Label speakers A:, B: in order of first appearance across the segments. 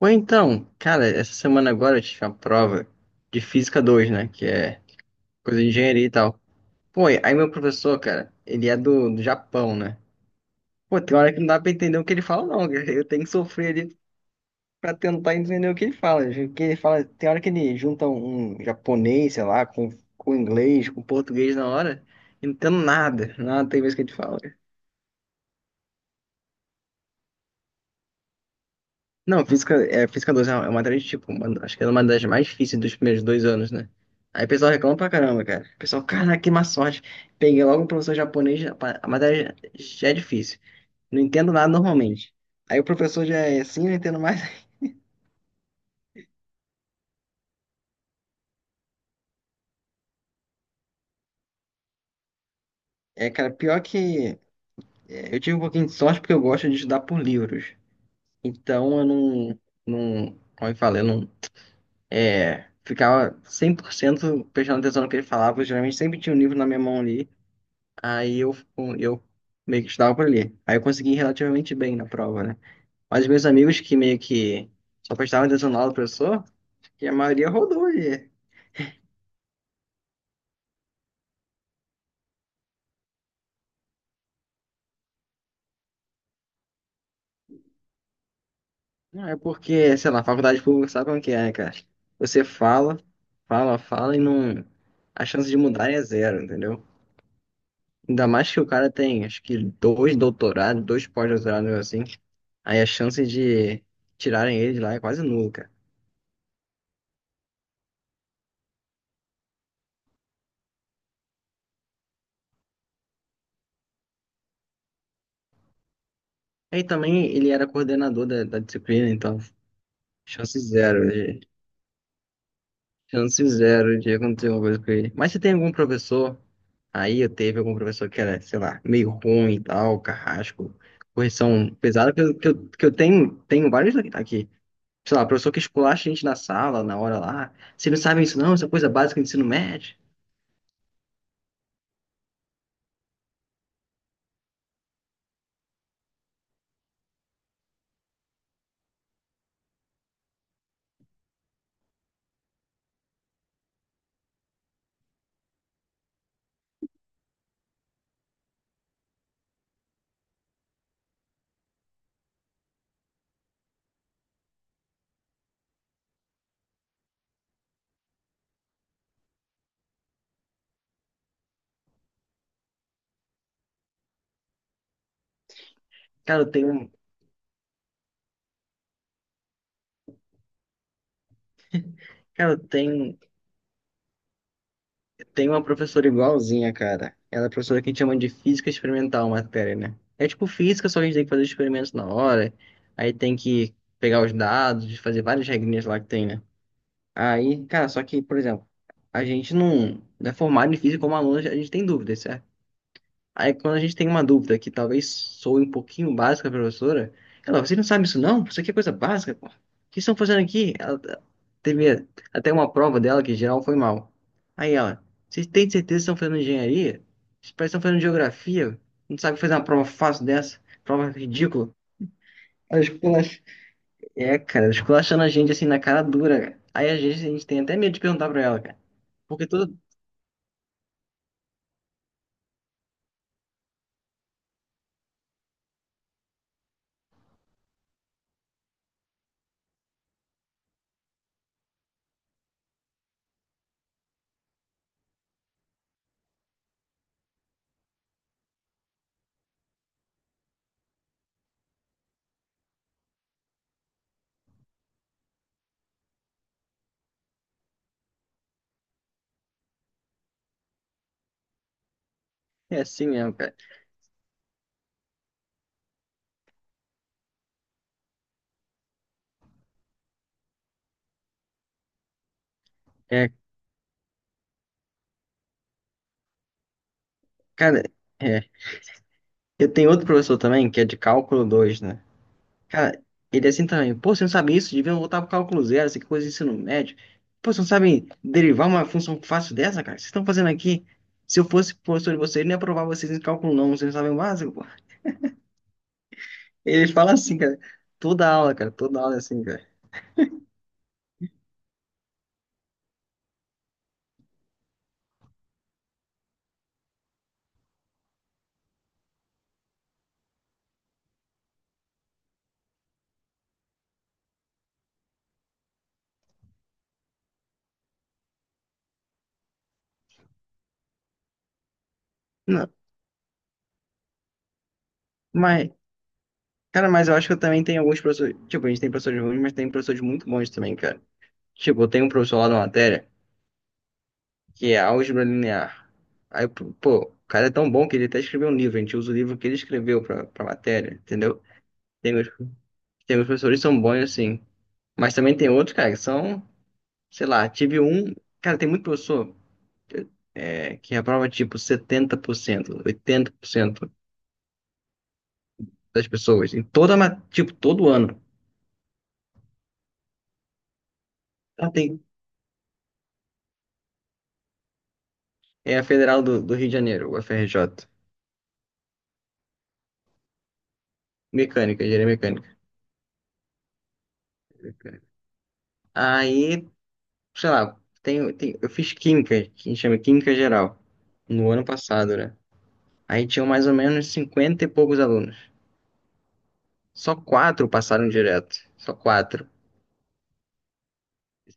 A: Ou então, cara, essa semana agora eu tive uma prova de Física dois, né? Que é coisa de engenharia e tal. Pô, aí meu professor, cara, ele é do Japão, né? Pô, tem hora que não dá pra entender o que ele fala, não, cara. Eu tenho que sofrer ali pra tentar entender o que ele fala. O que ele fala, tem hora que ele junta um japonês, sei lá, com, inglês, com português na hora, e não entendo nada. Nada tem vez que ele fala. Não, física, é, física 2 é uma matéria de tipo, acho que é uma das mais difíceis dos primeiros dois anos, né? Aí o pessoal reclama pra caramba, cara. O pessoal, caraca, que má sorte. Peguei logo um professor japonês, a matéria já é difícil. Não entendo nada normalmente. Aí o professor já é assim, eu entendo mais. É, cara, pior que é, eu tive um pouquinho de sorte porque eu gosto de estudar por livros. Então eu não, não, como eu falei, eu não, ficava 100% prestando atenção no que ele falava. Eu geralmente sempre tinha um livro na minha mão ali. Aí eu, eu meio que estudava por ali. Aí eu consegui relativamente bem na prova, né? Mas meus amigos que meio que só prestavam atenção na aula do professor, que a maioria rodou ali. Não, é porque, sei lá, faculdade pública sabe como que é, né, cara? Você fala, fala, fala e não. A chance de mudar é zero, entendeu? Ainda mais que o cara tem, acho que, dois doutorados, dois pós-doutorados, assim. Aí a chance de tirarem ele de lá é quase nula, cara. Aí também ele era coordenador da disciplina, então. Chance zero de, chance zero de acontecer alguma coisa com ele. Mas se tem algum professor, aí eu teve algum professor que era, sei lá, meio ruim e tal, carrasco, correção pesada, que eu tenho, vários aqui. Sei lá, professor que esculacha a gente na sala, na hora lá. Vocês não sabem isso não, isso é coisa básica do ensino médio. Cara, eu tenho, cara, eu tenho Tem uma professora igualzinha, cara. Ela é professora que a gente chama de física experimental, a matéria, né? É tipo física, só que a gente tem que fazer os experimentos na hora. Aí tem que pegar os dados, fazer várias regrinhas lá que tem, né? Aí, cara, só que, por exemplo, a gente não é formado em física como aluno, a gente tem dúvidas, certo? Aí quando a gente tem uma dúvida que talvez soe um pouquinho básica pra professora, ela, você não sabe isso não? Isso aqui é coisa básica, pô. O que estão fazendo aqui? Ela teve até uma prova dela que em geral foi mal. Aí ela, vocês têm certeza que estão fazendo engenharia? Vocês parecem que estão fazendo geografia? Não sabe fazer uma prova fácil dessa? Prova ridícula. Ela esculacha- É, cara, ela esculachando a gente assim na cara dura, cara. Aí a gente, tem até medo de perguntar pra ela, cara. Porque tudo é assim mesmo, cara. É, cara. É. Eu tenho outro professor também, que é de cálculo 2, né? Cara, ele é assim também. Pô, você não sabe isso? Devia voltar pro cálculo zero, essa coisa de ensino médio. Pô, você não sabe derivar uma função fácil dessa, cara? O que vocês estão fazendo aqui? Se eu fosse professor de vocês, eu não ia aprovar vocês em cálculo não, vocês não sabem o básico, pô. Ele fala assim, cara. Toda aula, cara. Toda aula é assim, cara. Não, mas, cara, mas eu acho que eu também tenho alguns professores. Tipo, a gente tem professores ruins, mas tem professores muito bons também, cara. Tipo, eu tenho um professor lá da matéria que é álgebra linear. Aí, pô, o cara é tão bom que ele até escreveu um livro, a gente usa o livro que ele escreveu pra matéria, entendeu? Tem uns, professores que são bons assim, mas também tem outros, cara, que são, sei lá, tive um, cara, tem muito professor, é, que reprova, tipo, 70%, 80% das pessoas, em toda, tipo, todo ano. Ah, tem, é a Federal do, Rio de Janeiro, o FRJ, mecânica, engenharia mecânica. Aí sei lá, eu fiz química, que a gente chama química geral, no ano passado, né? Aí tinham mais ou menos 50 e poucos alunos. Só quatro passaram direto. Só quatro.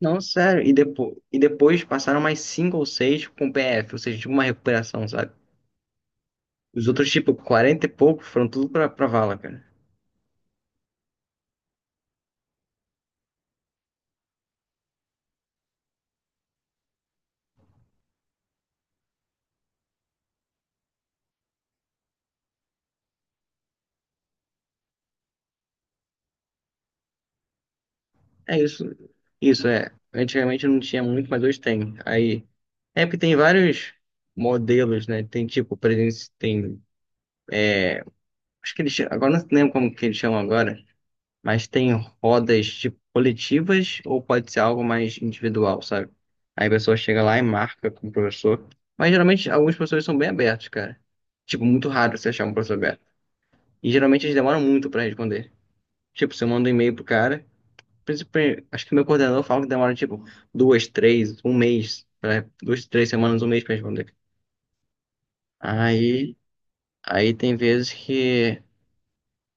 A: Não, sério. E, depois passaram mais cinco ou seis com PF, ou seja, tipo uma recuperação, sabe? Os outros, tipo, 40 e poucos foram tudo pra vala, cara. É isso. Isso, é. Antigamente não tinha muito, mas hoje tem. Aí. É porque tem vários modelos, né? Tem tipo, presen- tem acho que eles, agora, não lembro como que eles chamam agora, mas tem rodas tipo coletivas ou pode ser algo mais individual, sabe? Aí a pessoa chega lá e marca com o professor. Mas geralmente alguns professores são bem abertos, cara. Tipo, muito raro você achar um professor aberto. E geralmente eles demoram muito pra responder. Tipo, você manda um e-mail pro cara, acho que meu coordenador fala que demora tipo duas, três, duas, três semanas, um mês pra responder. Aí, tem vezes que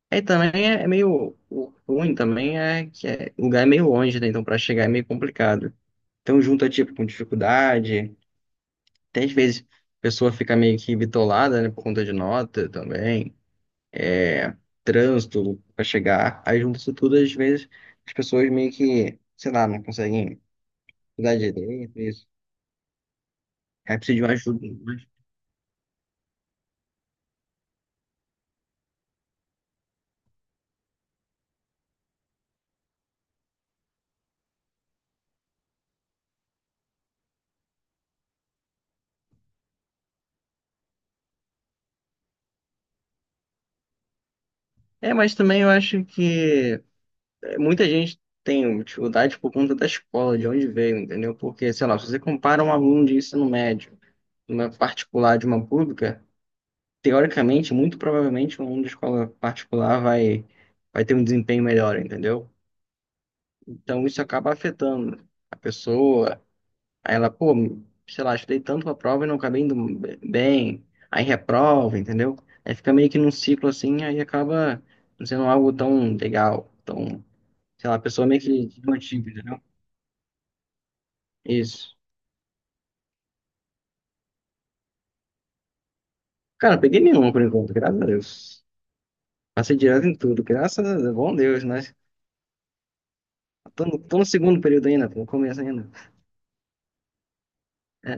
A: aí também é meio o ruim também é que é, o lugar é meio longe, né? Então para chegar é meio complicado. Então junta tipo com dificuldade. Até às vezes a pessoa fica meio que bitolada, né? Por conta de nota também, é trânsito para chegar. Aí junta isso tudo, às vezes as pessoas meio que, sei lá, não conseguem estudar direito, isso. Aí precisa de uma ajuda. Mas... É, mas também eu acho que, muita gente tem dificuldade por conta da escola, de onde veio, entendeu? Porque, sei lá, se você compara um aluno de ensino médio, uma particular de uma pública, teoricamente, muito provavelmente, um aluno de escola particular vai, ter um desempenho melhor, entendeu? Então, isso acaba afetando a pessoa. Aí ela, pô, sei lá, estudei tanto pra prova e não acabei indo bem. Aí reprova, entendeu? Aí fica meio que num ciclo assim, aí acaba não sendo algo tão legal, tão, sei lá, a pessoa meio que desmotiva, entendeu? Isso. Cara, não peguei nenhuma por enquanto, graças a Deus. Passei direto em tudo, graças a Deus, bom Deus, né? Tô no segundo período ainda, tô no começo ainda. É,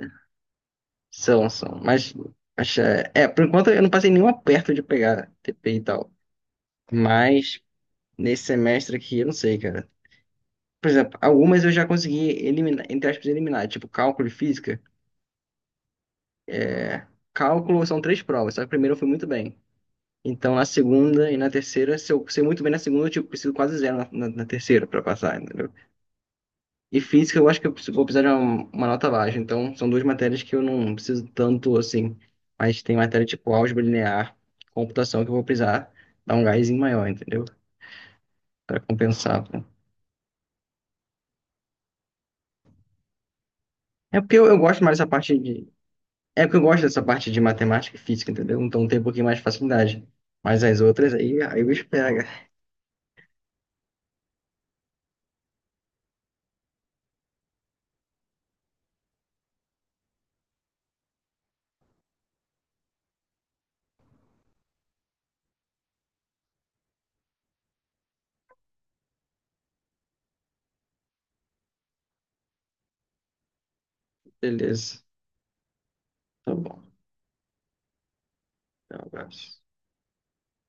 A: são. Mas, por enquanto eu não passei nenhum aperto de pegar TP e tal. Mas nesse semestre aqui, eu não sei, cara. Por exemplo, algumas eu já consegui eliminar, entre aspas, eliminar. Tipo, cálculo e física. Cálculo são três provas, só que a primeira eu fui muito bem. Então, na segunda e na terceira, se eu sei muito bem na segunda, eu tipo, preciso quase zero na, na terceira pra passar, entendeu? E física, eu acho que eu vou precisar de uma, nota baixa. Então, são duas matérias que eu não preciso tanto assim. Mas tem matéria tipo álgebra linear, computação, que eu vou precisar dar um gásinho maior, entendeu? Para compensar, pô. É porque eu, gosto mais dessa parte de. É porque eu gosto dessa parte de matemática e física, entendeu? Então tem um pouquinho mais de facilidade. Mas as outras aí, aí o bicho pega. Beleza. Tá bom. Então, um abraço.